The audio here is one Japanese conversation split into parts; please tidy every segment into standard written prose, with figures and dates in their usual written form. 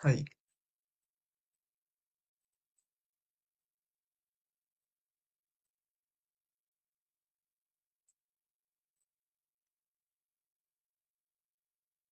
はい。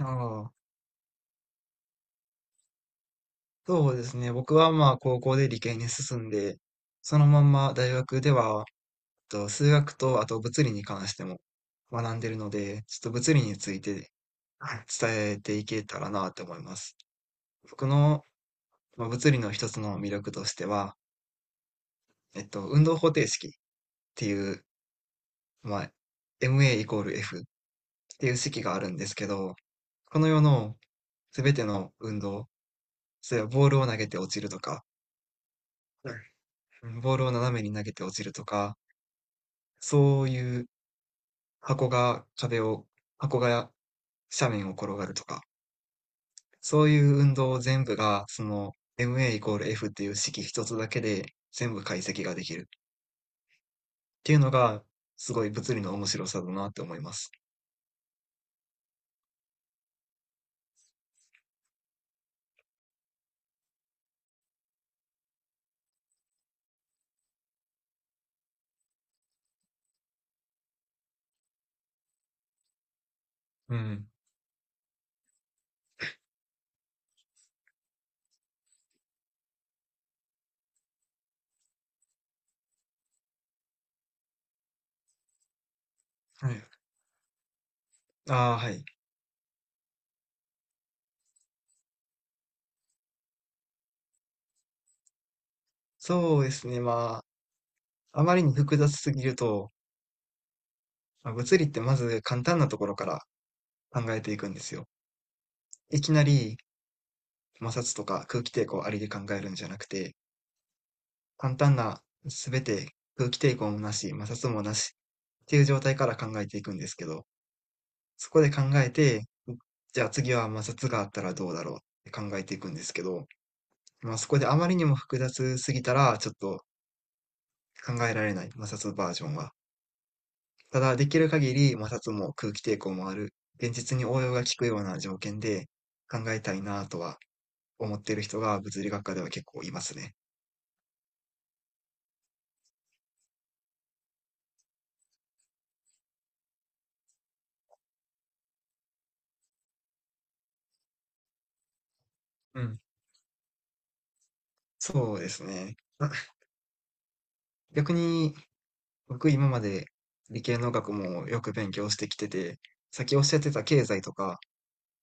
ああ、そうですね。僕はまあ高校で理系に進んで、そのまんま大学では、数学とあと物理に関しても学んでるので、ちょっと物理について、はい、伝えていけたらなと思います。僕の、まあ、物理の一つの魅力としては、運動方程式っていう、まあ、MA イコール F っていう式があるんですけど、この世のすべての運動、それはボールを投げて落ちるとか、ボールを斜めに投げて落ちるとか、そういう箱が壁を、箱が斜面を転がるとか、そういう運動全部が、その MA イコール F っていう式一つだけで全部解析ができるっていうのが、すごい物理の面白さだなって思います。うん。はい。ああ、はい。そうですね。まあ、あまりに複雑すぎると、まあ物理ってまず簡単なところから考えていくんですよ。いきなり摩擦とか空気抵抗ありで考えるんじゃなくて、簡単な全て空気抵抗もなし、摩擦もなしっていう状態から考えていくんですけど、そこで考えて、じゃあ次は摩擦があったらどうだろうって考えていくんですけど、まあ、そこであまりにも複雑すぎたらちょっと考えられない、摩擦バージョンは。ただできる限り摩擦も空気抵抗もある、現実に応用が効くような条件で考えたいなとは思っている人が物理学科では結構いますね。うん、そうですね。あ、逆に僕今まで理系の学問をよく勉強してきてて、さっきおっしゃってた経済とか、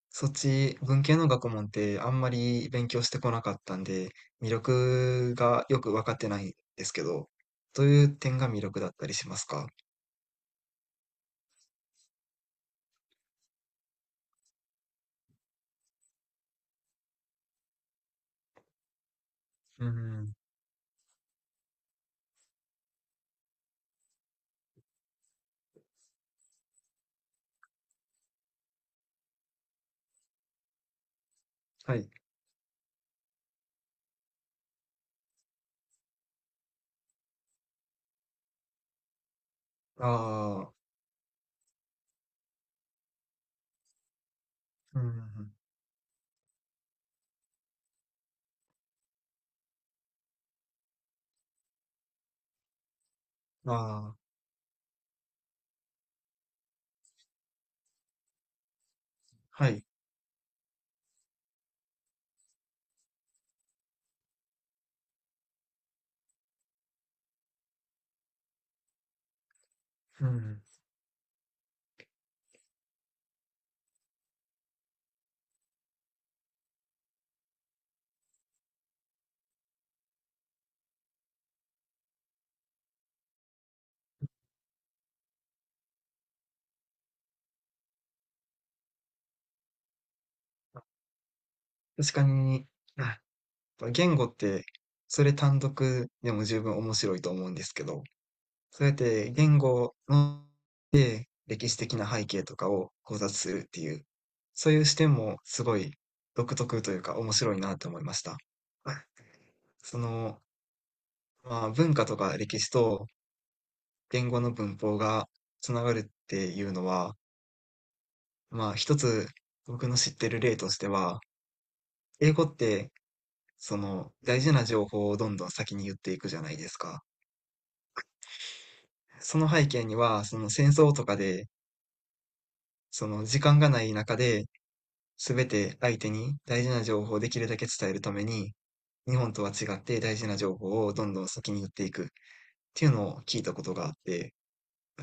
そっち文系の学問ってあんまり勉強してこなかったんで、魅力がよく分かってないんですけど、どういう点が魅力だったりしますか？うん。はい。ああ、うん。ああ、はい。うん。確かに、あ、言語って、それ単独でも十分面白いと思うんですけど、そうやって言語の歴史的な背景とかを考察するっていう、そういう視点もすごい独特というか面白いなと思いました。はい。その、まあ、文化とか歴史と言語の文法がつながるっていうのは、まあ、一つ僕の知ってる例としては、英語ってその大事な情報をどんどん先に言っていくじゃないですか。その背景には、その戦争とかで、その時間がない中で、すべて相手に大事な情報をできるだけ伝えるために、日本とは違って大事な情報をどんどん先に言っていくっていうのを聞いたことがあって、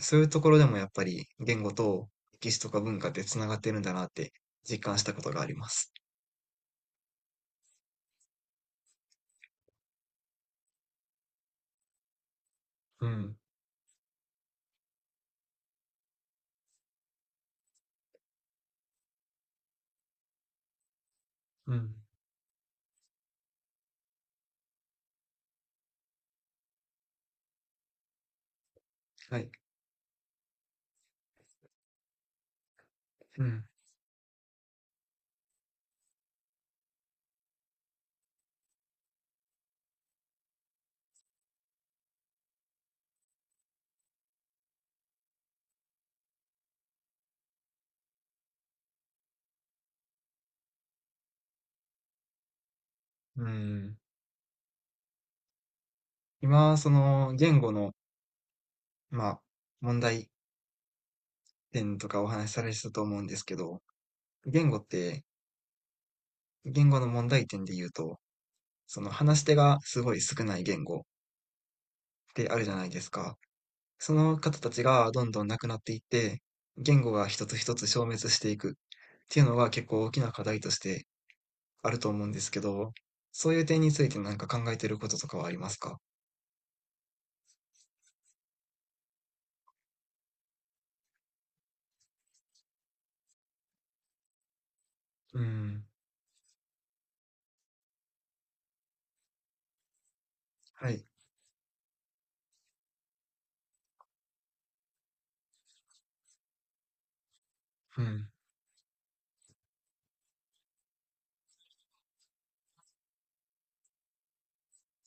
そういうところでもやっぱり言語と歴史とか文化ってつながってるんだなって実感したことがあります。うん、うん、はい、うん、うん。今、その言語の、まあ、問題点とかお話しされてたと思うんですけど、言語って、言語の問題点で言うと、その話し手がすごい少ない言語ってあるじゃないですか。その方たちがどんどんなくなっていって、言語が一つ一つ消滅していくっていうのは結構大きな課題としてあると思うんですけど、そういう点について何か考えてることとかはありますか？うん、はい、うん、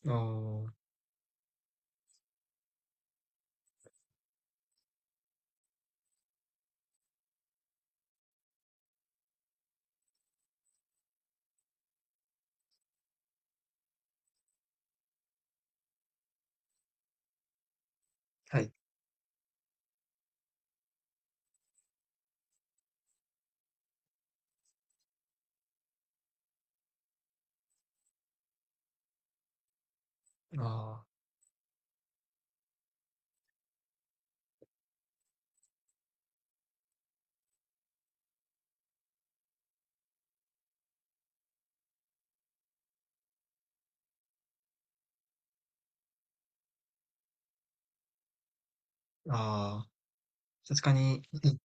ああ、はい、ああ、ああ、確かに、うん、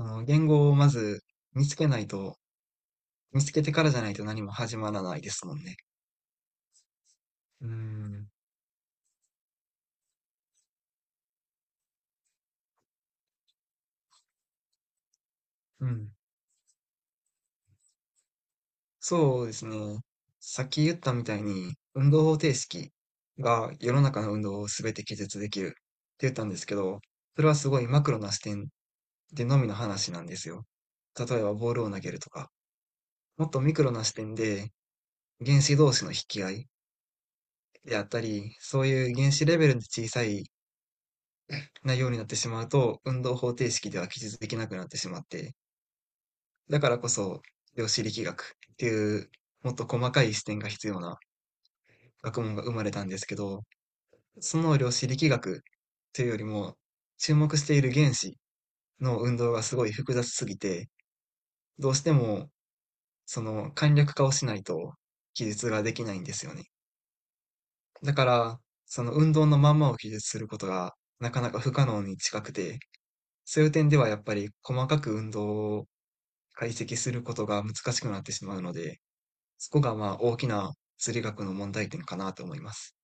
言語をまず見つけないと見つけてからじゃないと何も始まらないですもんね。うん、うん。そうですね。さっき言ったみたいに、運動方程式が世の中の運動を全て記述できるって言ったんですけど、それはすごいマクロな視点でのみの話なんですよ。例えばボールを投げるとか、もっとミクロな視点で原子同士の引き合いであったり、そういう原子レベルで小さい内容になってしまうと、運動方程式では記述できなくなってしまって、だからこそ量子力学っていうもっと細かい視点が必要な学問が生まれたんですけど、その量子力学というよりも、注目している原子の運動がすごい複雑すぎて、どうしてもその簡略化をしないと記述ができないんですよね。だから、その運動のまんまを記述することがなかなか不可能に近くて、そういう点ではやっぱり細かく運動を解析することが難しくなってしまうので、そこがまあ大きな物理学の問題点かなと思います。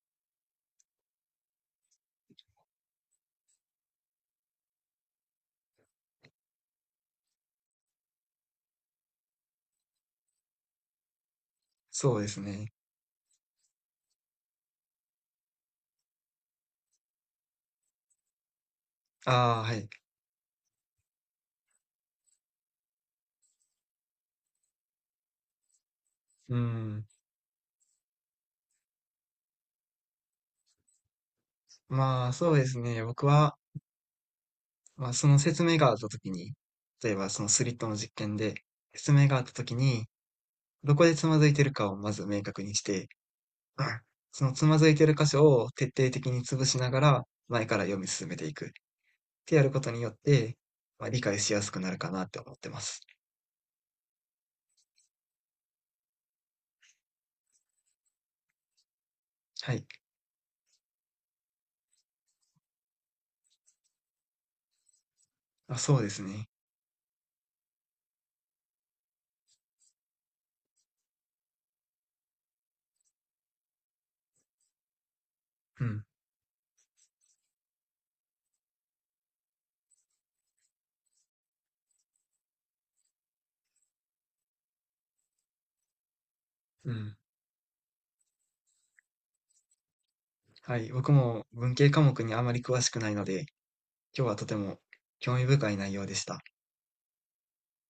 そうですね。ああ、はい。うん。まあそうですね。僕はまあ、その説明があったときに、例えばそのスリットの実験で説明があったときに、どこでつまずいてるかをまず明確にして、そのつまずいてる箇所を徹底的に潰しながら前から読み進めていくってやることによって、まあ、理解しやすくなるかなって思ってます。はい。あ、そうですね。うん。うん。はい。僕も文系科目にあまり詳しくないので、今日はとても興味深い内容でした。